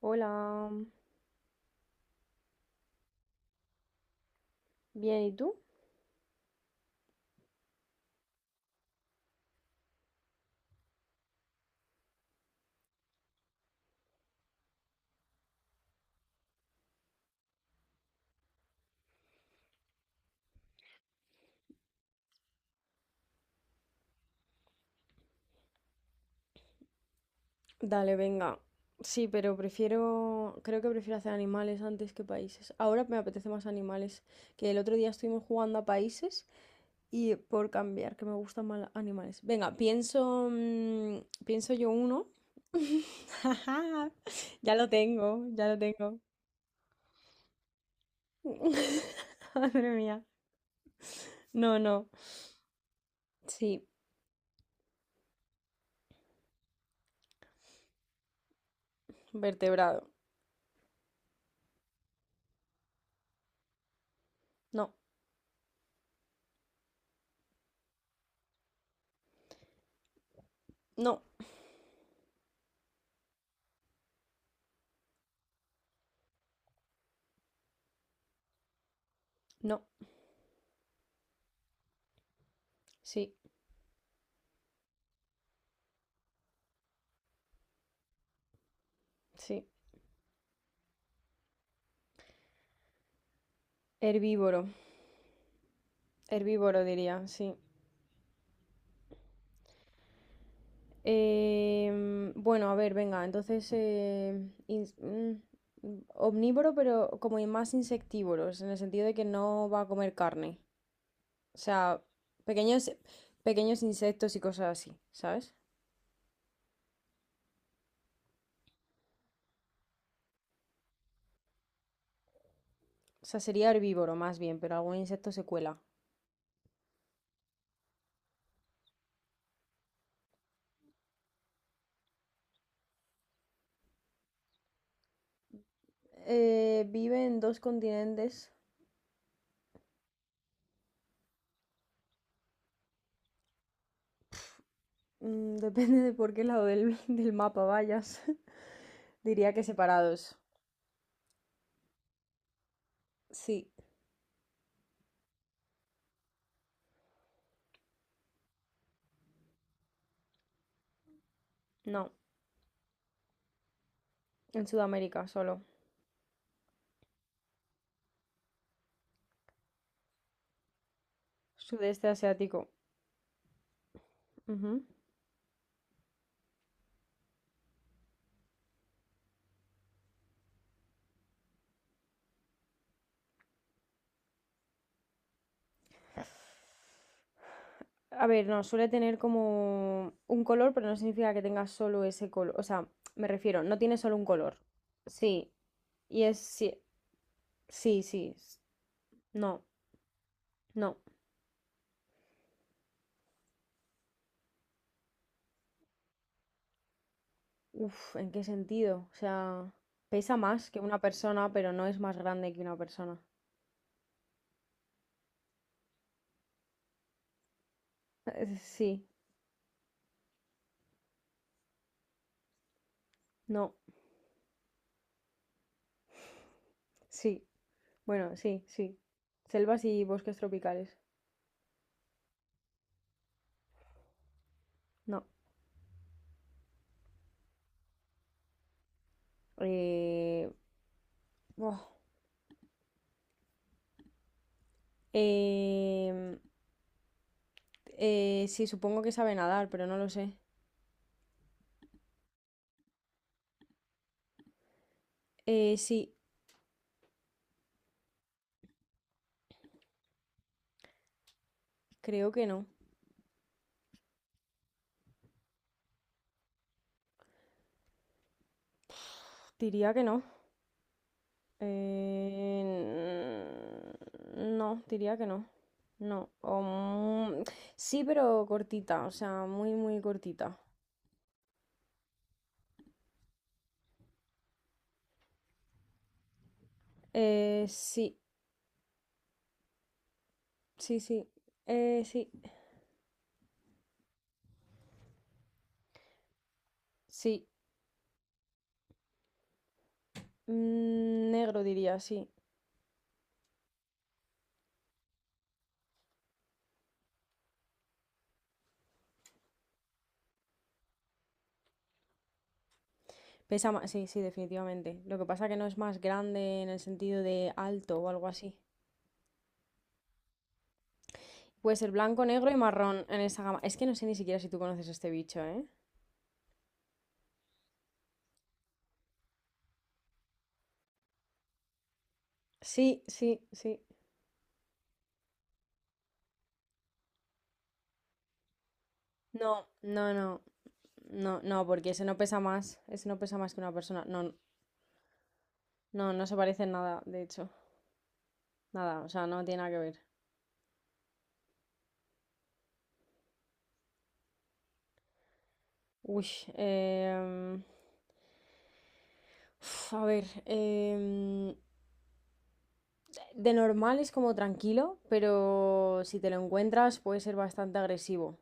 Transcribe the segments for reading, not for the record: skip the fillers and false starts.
Hola, bien, ¿y tú? Dale, venga. Sí, pero prefiero, creo que prefiero hacer animales antes que países. Ahora me apetece más animales, que el otro día estuvimos jugando a países y por cambiar, que me gustan más animales. Venga, pienso, pienso yo uno. Ya lo tengo, ya lo tengo. Madre mía. No, no. Sí, vertebrado. No, no, no. Sí, sí. Herbívoro. Herbívoro diría, sí. Bueno, a ver, venga, entonces omnívoro, pero como y más insectívoros, en el sentido de que no va a comer carne. O sea, pequeños, pequeños insectos y cosas así, ¿sabes? O sea, sería herbívoro más bien, pero algún insecto se cuela. Vive en dos continentes, mm, depende de por qué lado del mapa vayas. Diría que separados. Sí, no, en Sudamérica solo. Sudeste asiático. Ujú. A ver, no, suele tener como un color, pero no significa que tenga solo ese color. O sea, me refiero, no tiene solo un color. Sí, y es sí, sí, sí. No, no. Uf, ¿en qué sentido? O sea, pesa más que una persona, pero no es más grande que una persona. Sí, no, sí. Bueno, sí, sí. Selvas y bosques tropicales. No. Eh, buah. Em, sí, supongo que sabe nadar, pero no lo sé. Sí, creo que no. Diría que no. Eh, no, diría que no. No. Sí, pero cortita, o sea, muy, muy cortita. Sí, sí, sí. Sí, sí. Mm, negro diría, sí. Pesa más, sí, sí, definitivamente. Lo que pasa que no es más grande en el sentido de alto o algo así. Puede ser blanco, negro y marrón en esa gama. Es que no sé ni siquiera si tú conoces este bicho, ¿eh? Sí, sí, sí. No, no, no. No, no, porque ese no pesa más. Ese no pesa más que una persona. No, no, no se parece en nada, de hecho. Nada, o sea, no tiene nada que ver. Uy, em, a ver, de normal es como tranquilo, pero si te lo encuentras puede ser bastante agresivo.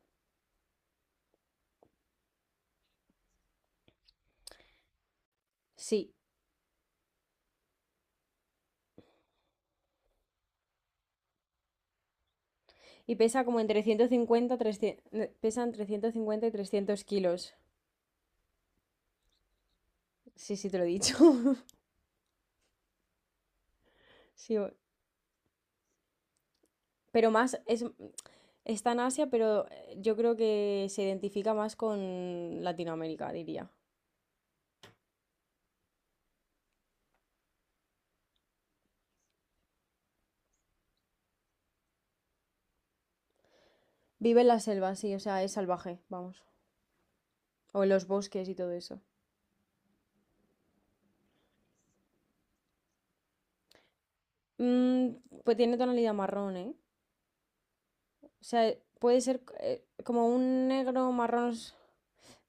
Sí, y pesa como entre 150, 300, pesa entre ciento cincuenta y 300 kilos. Sí, sí, te lo he dicho. Sí, pero más, está en Asia, pero yo creo que se identifica más con Latinoamérica, diría. Vive en la selva, sí, o sea, es salvaje, vamos. O en los bosques y todo eso. Mm, pues tiene tonalidad marrón, ¿eh? O sea, puede ser como un negro marrón.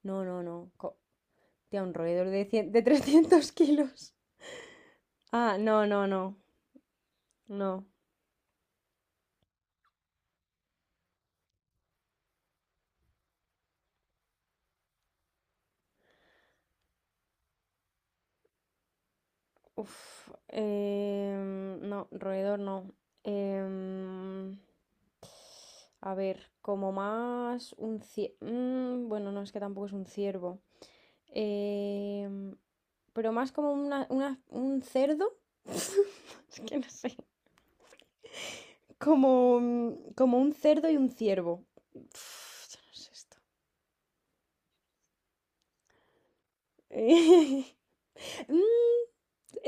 No, no, no. Tía, un roedor de 300 kilos. Ah, no, no, no. No. No, roedor no. Em, a ver, como más un ciervo. Bueno, no, es que tampoco es un ciervo. Em, pero más como un cerdo. Es que no sé. Como, como un cerdo y un ciervo. Uf, yo no sé esto. Mm,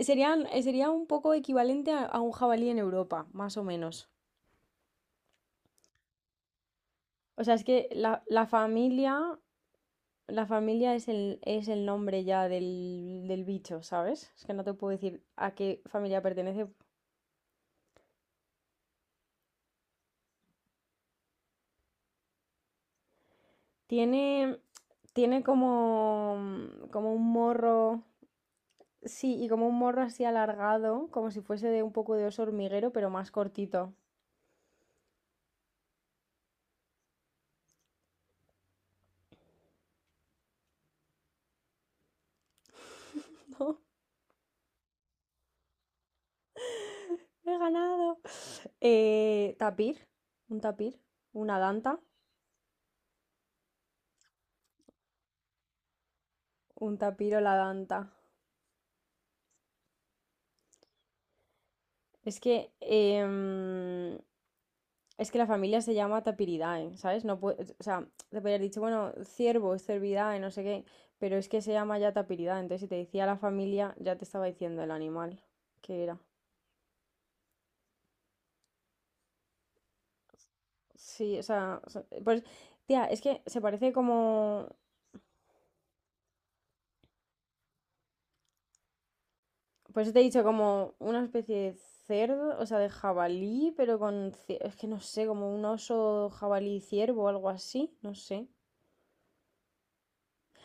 sería un poco equivalente a un jabalí en Europa, más o menos. O sea, es que la familia es es el nombre ya del bicho, ¿sabes? Es que no te puedo decir a qué familia pertenece. Tiene, tiene como, como un morro, sí, y como un morro así alargado, como si fuese de un poco de oso hormiguero, pero más cortito. ¡No! ¡He ganado! Eh, tapir, un tapir, una danta, un tapir o la danta. Es que em, Es que la familia se llama Tapiridae, ¿sabes? No puede, o sea, te podrías dicho, bueno, ciervo, cervidae, no sé qué, pero es que se llama ya Tapiridae, entonces si te decía la familia, ya te estaba diciendo el animal que era. Sí, o sea, pues, tía, es que se parece como, pues te he dicho, como una especie de cerdo, o sea, de jabalí, pero es que no sé, como un oso jabalí ciervo o algo así, no sé.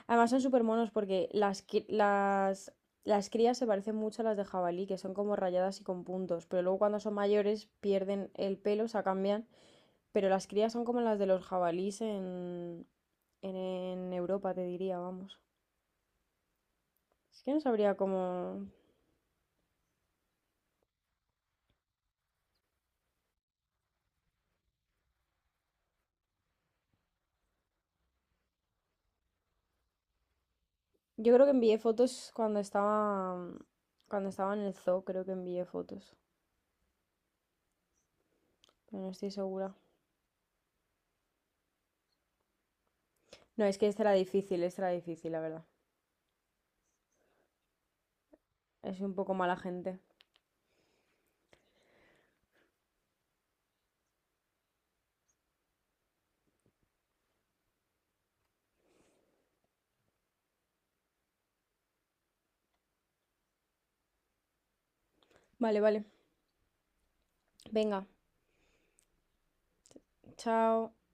Además son súper monos porque las crías se parecen mucho a las de jabalí, que son como rayadas y con puntos, pero luego cuando son mayores pierden el pelo, se cambian, pero las crías son como las de los jabalís en Europa, te diría, vamos. Es que no sabría cómo... Yo creo que envié fotos cuando estaba en el zoo, creo que envié fotos, pero no estoy segura. No, es que esta era difícil, la verdad. Es un poco mala gente. Vale, vale. Venga, chao.